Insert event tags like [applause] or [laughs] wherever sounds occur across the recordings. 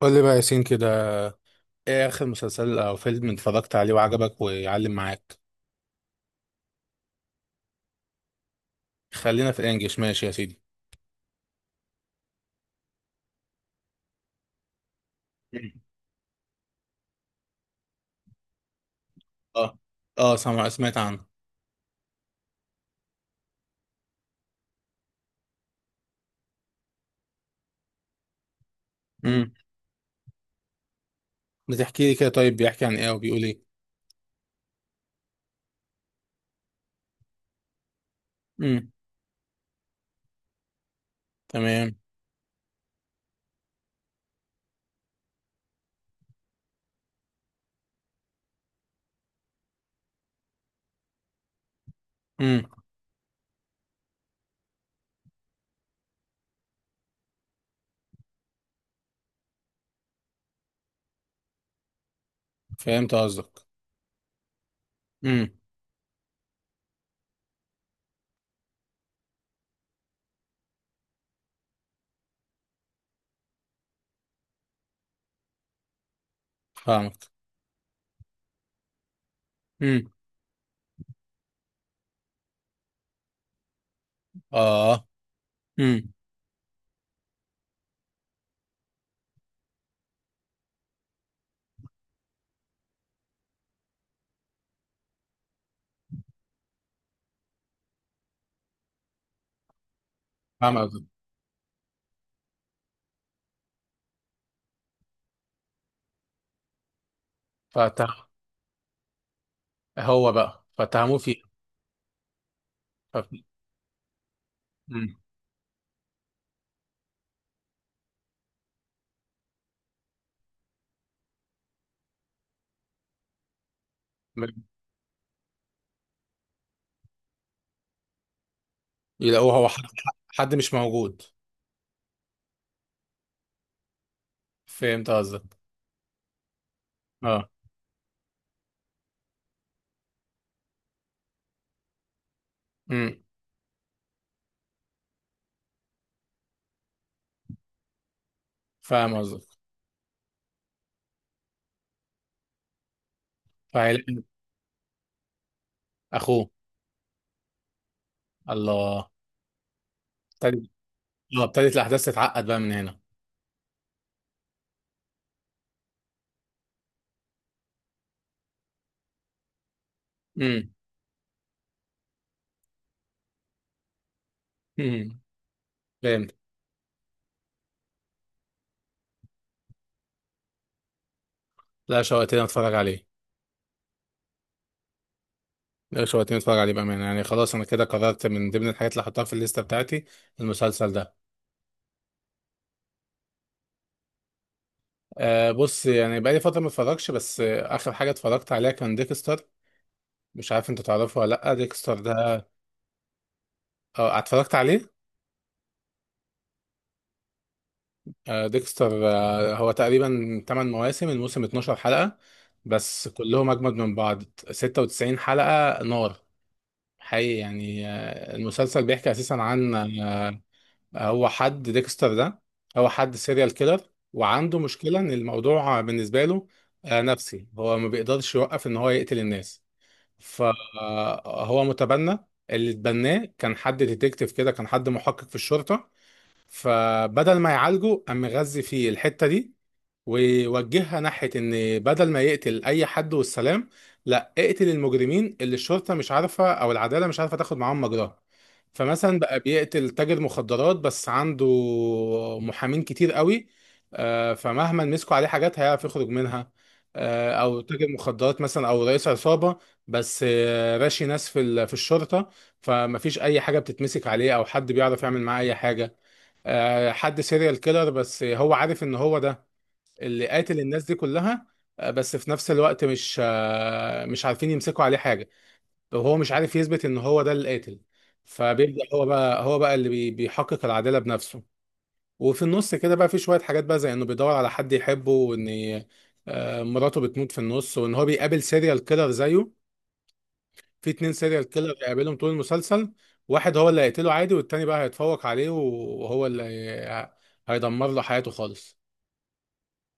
قول لي بقى يا ياسين كده. ايه اخر مسلسل او فيلم اتفرجت عليه وعجبك ويعلم معاك؟ خلينا في الانجليش، ماشي يا سيدي. مم. اه. اه سمعت عنه. امم. بتحكي لي كده، طيب بيحكي عن ايه وبيقول ايه؟ امم. تمام. امم. فهمت قصدك. امم. فاهمك. امم. اه. امم. فاهم قصدك. فتح. هو بقى فتهموه فيه. ف- امم. يلاقوه هو حد. حد مش موجود. فهمت قصدك. اه. امم. فاهم قصدك. فعيل. اخوه. الله. طيب. اه، ابتدت الاحداث تتعقد بقى من هنا. امم. امم. فهمت. لا، شوقتني اتفرج عليه. لا، شوقتني اتفرج عليه بامانه، يعني خلاص انا كده قررت من ضمن الحاجات اللي هحطها في الليسته بتاعتي المسلسل ده. آه بص، يعني بقالي فتره ما اتفرجش، بس آه اخر حاجه اتفرجت عليها كان ديكستر. مش عارف انت تعرفه ولا لا، ديكستر ده. اه، اتفرجت عليه. آه ديكستر، آه هو تقريبا 8 مواسم، الموسم 12 حلقه، بس كلهم اجمد من بعض. 96 حلقه نار حقيقي، يعني المسلسل بيحكي اساسا عن هو حد ديكستر ده، هو حد سيريال كيلر، وعنده مشكلة ان الموضوع بالنسبة له نفسي، هو ما بيقدرش يوقف ان هو يقتل الناس. فهو متبنى، اللي اتبناه كان حد ديتكتيف كده، كان حد محقق في الشرطة، فبدل ما يعالجه قام مغذي فيه الحتة دي، ووجهها ناحية إن بدل ما يقتل أي حد والسلام، لا اقتل المجرمين اللي الشرطة مش عارفة أو العدالة مش عارفة تاخد معاهم مجراها. فمثلا بقى بيقتل تاجر مخدرات بس عنده محامين كتير قوي، فمهما مسكوا عليه حاجات هيعرف يخرج منها. أو تاجر مخدرات مثلا أو رئيس عصابة، بس راشي ناس في في الشرطة، فمفيش أي حاجة بتتمسك عليه أو حد بيعرف يعمل معاه أي حاجة. حد سيريال كيلر، بس هو عارف إن هو ده اللي قاتل الناس دي كلها. بس في نفس الوقت مش عارفين يمسكوا عليه حاجة، وهو مش عارف يثبت ان هو ده اللي قاتل. فبيبدأ هو بقى، هو بقى اللي بيحقق العدالة بنفسه. وفي النص كده بقى في شوية حاجات بقى زي انه بيدور على حد يحبه، وان مراته بتموت في النص، وان هو بيقابل سيريال كيلر زيه. في اتنين سيريال كيلر بيقابلهم طول المسلسل، واحد هو اللي هيقتله عادي، والتاني بقى هيتفوق عليه وهو اللي هيدمر له حياته خالص.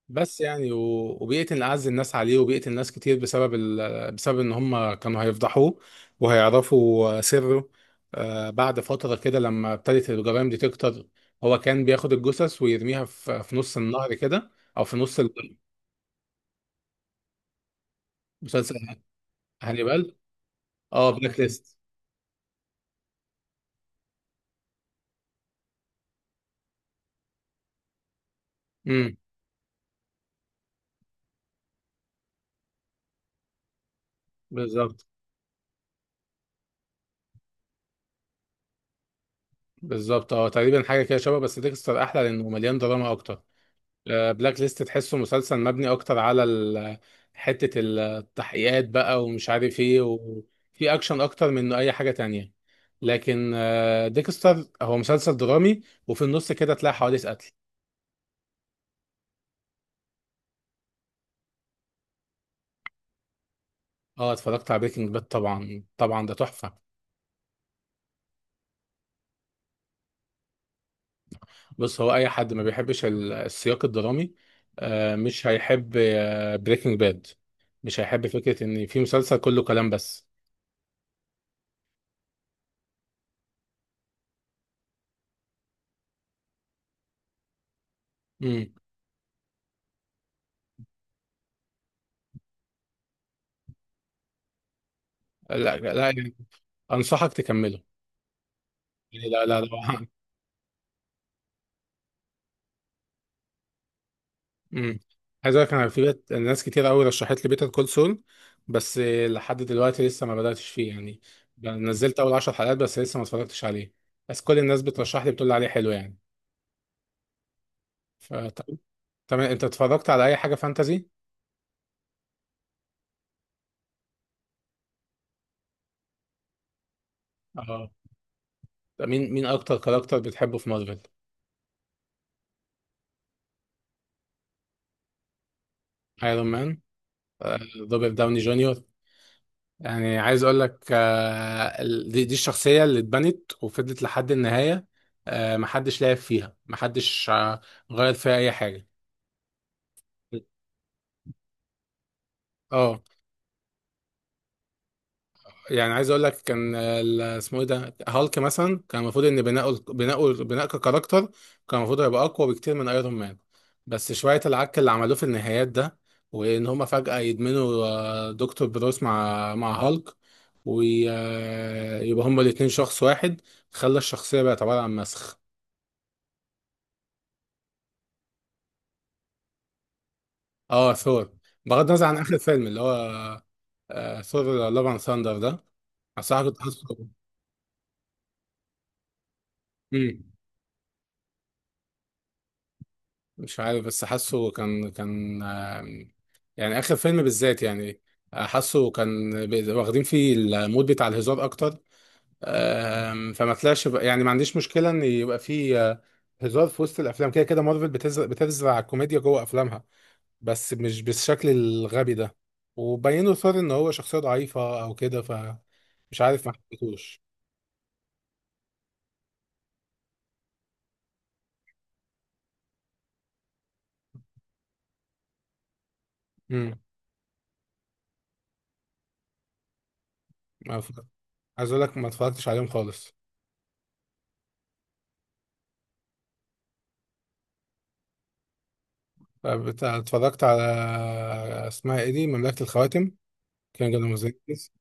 بس يعني، وبيئة إن أعز الناس عليه، وبيئة الناس كتير بسبب بسبب إن هم كانوا هيفضحوه وهيعرفوا سره. بعد فترة كده لما ابتدت الجرائم دي تكتر، هو كان بياخد الجثث ويرميها في نص النهر كده، أو في نص مسلسل؟ هانيبال. اه، بلاك ليست. امم. بالظبط. بالظبط، اه تقريبا حاجة كده شبه، بس ديكستر أحلى لأنه مليان دراما أكتر. بلاك ليست تحسه مسلسل مبني اكتر على حتة التحقيقات بقى ومش عارف ايه، وفي اكشن اكتر من انه اي حاجة تانية. لكن ديكستر هو مسلسل درامي، وفي النص كده تلاقي حوادث قتل. اه، اتفرجت على بريكنج باد، طبعا طبعا ده تحفة. بص هو اي حد ما بيحبش السياق الدرامي مش هيحب بريكنج باد، مش هيحب فكرة ان في مسلسل كله كلام بس. مم. لا لا يعني، انصحك تكمله. يعني لا لا لا [laughs] امم. عايز اقول لك انا في بيت ناس كتير قوي رشحت لي بيتر كول سول، بس لحد دلوقتي لسه ما بداتش فيه يعني. نزلت اول 10 حلقات بس لسه ما اتفرجتش عليه. بس كل الناس بترشح لي، بتقول لي عليه حلو يعني. فطب، تمام، انت اتفرجت على اي حاجه فانتازي؟ اه. طب مين اكتر كاركتر بتحبه في مارفل؟ ايرون مان، آه، روبرت داوني جونيور. يعني عايز اقول لك دي الشخصيه اللي اتبنت وفضلت لحد النهايه، محدش لعب فيها، محدش غير فيها اي حاجه. اه. يعني عايز اقول لك كان اسمه ايه ده، هالك مثلا كان المفروض ان بناؤه بناء ككاركتر، كان المفروض هيبقى اقوى بكتير من ايرون مان. بس شويه العك اللي عملوه في النهايات ده، وان هما فجاه يدمنوا دكتور بروس مع هالك، ويبقى هما الاتنين شخص واحد، خلى الشخصيه بقت عباره عن مسخ. اه، ثور، بغض النظر عن اخر فيلم اللي هو ثور لاف اند ثاندر ده، الصراحه كنت حاسه. مم. مش عارف بس حاسه كان يعني اخر فيلم بالذات يعني حاسه كان واخدين فيه المود بتاع الهزار اكتر. يعني ما عنديش مشكله ان يبقى فيه هزار في وسط الافلام، كده كده مارفل بتزرع الكوميديا جوه افلامها، بس مش بالشكل الغبي ده، وبينوا ثور ان هو شخصيه ضعيفه او كده، فمش عارف، ما حبيتهوش. امم. ما ف- عايز اقول لك ما اتفرجتش عليهم خالص. بتاع اتفرجت على اسمها ايه دي، مملكة الخواتم، كان جانا موزيكس.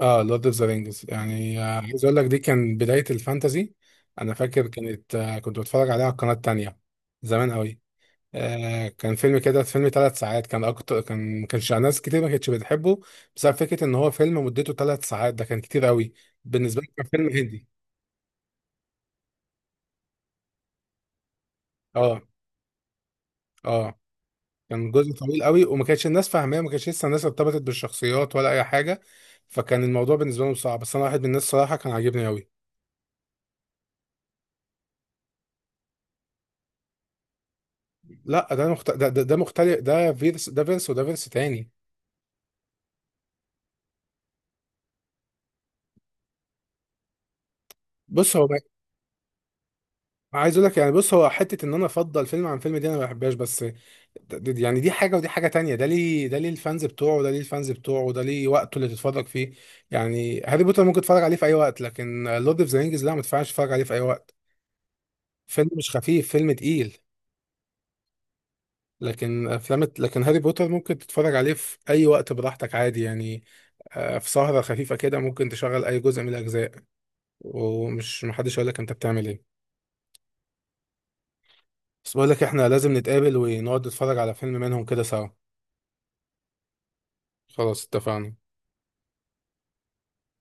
اه، لورد اوف ذا رينجز. يعني عايز اقول لك دي كان بداية الفانتازي. انا فاكر كانت كنت بتفرج عليها على القناة التانية زمان قوي. آه كان فيلم كده، فيلم 3 ساعات، كان اكتر، كان ما كانش ناس كتير ما كانتش بتحبه، بسبب فكرة ان هو فيلم مدته 3 ساعات، ده كان كتير قوي بالنسبة لي، كان فيلم هندي. اه. اه كان جزء طويل قوي، وما كانتش الناس فاهماه، ما كانتش لسه الناس ارتبطت بالشخصيات ولا اي حاجه، فكان الموضوع بالنسبه لهم صعب، بس انا واحد من الناس صراحه كان عاجبني قوي. لا، ده مختلف، ده فيرس ده فيرس وده فيرس تاني. بص هو بقى- عايز اقول لك يعني، بص هو حته ان انا افضل فيلم عن فيلم دي انا ما بحبهاش، بس يعني دي حاجه ودي حاجه تانية، ده ليه الفانز بتوعه، وده ليه الفانز بتوعه، وده ليه وقته اللي تتفرج فيه. يعني هاري بوتر ممكن تتفرج عليه في اي وقت، لكن لورد اوف ذا رينجز لا، ما تنفعش تتفرج عليه في اي وقت، فيلم مش خفيف، فيلم تقيل. لكن افلام، لكن هاري بوتر ممكن تتفرج عليه في اي وقت براحتك عادي يعني، في سهرة خفيفة كده ممكن تشغل اي جزء من الاجزاء، ومش محدش يقول لك انت بتعمل ايه. بس بقول لك احنا لازم نتقابل ونقعد نتفرج على فيلم منهم كده سوا. خلاص اتفقنا.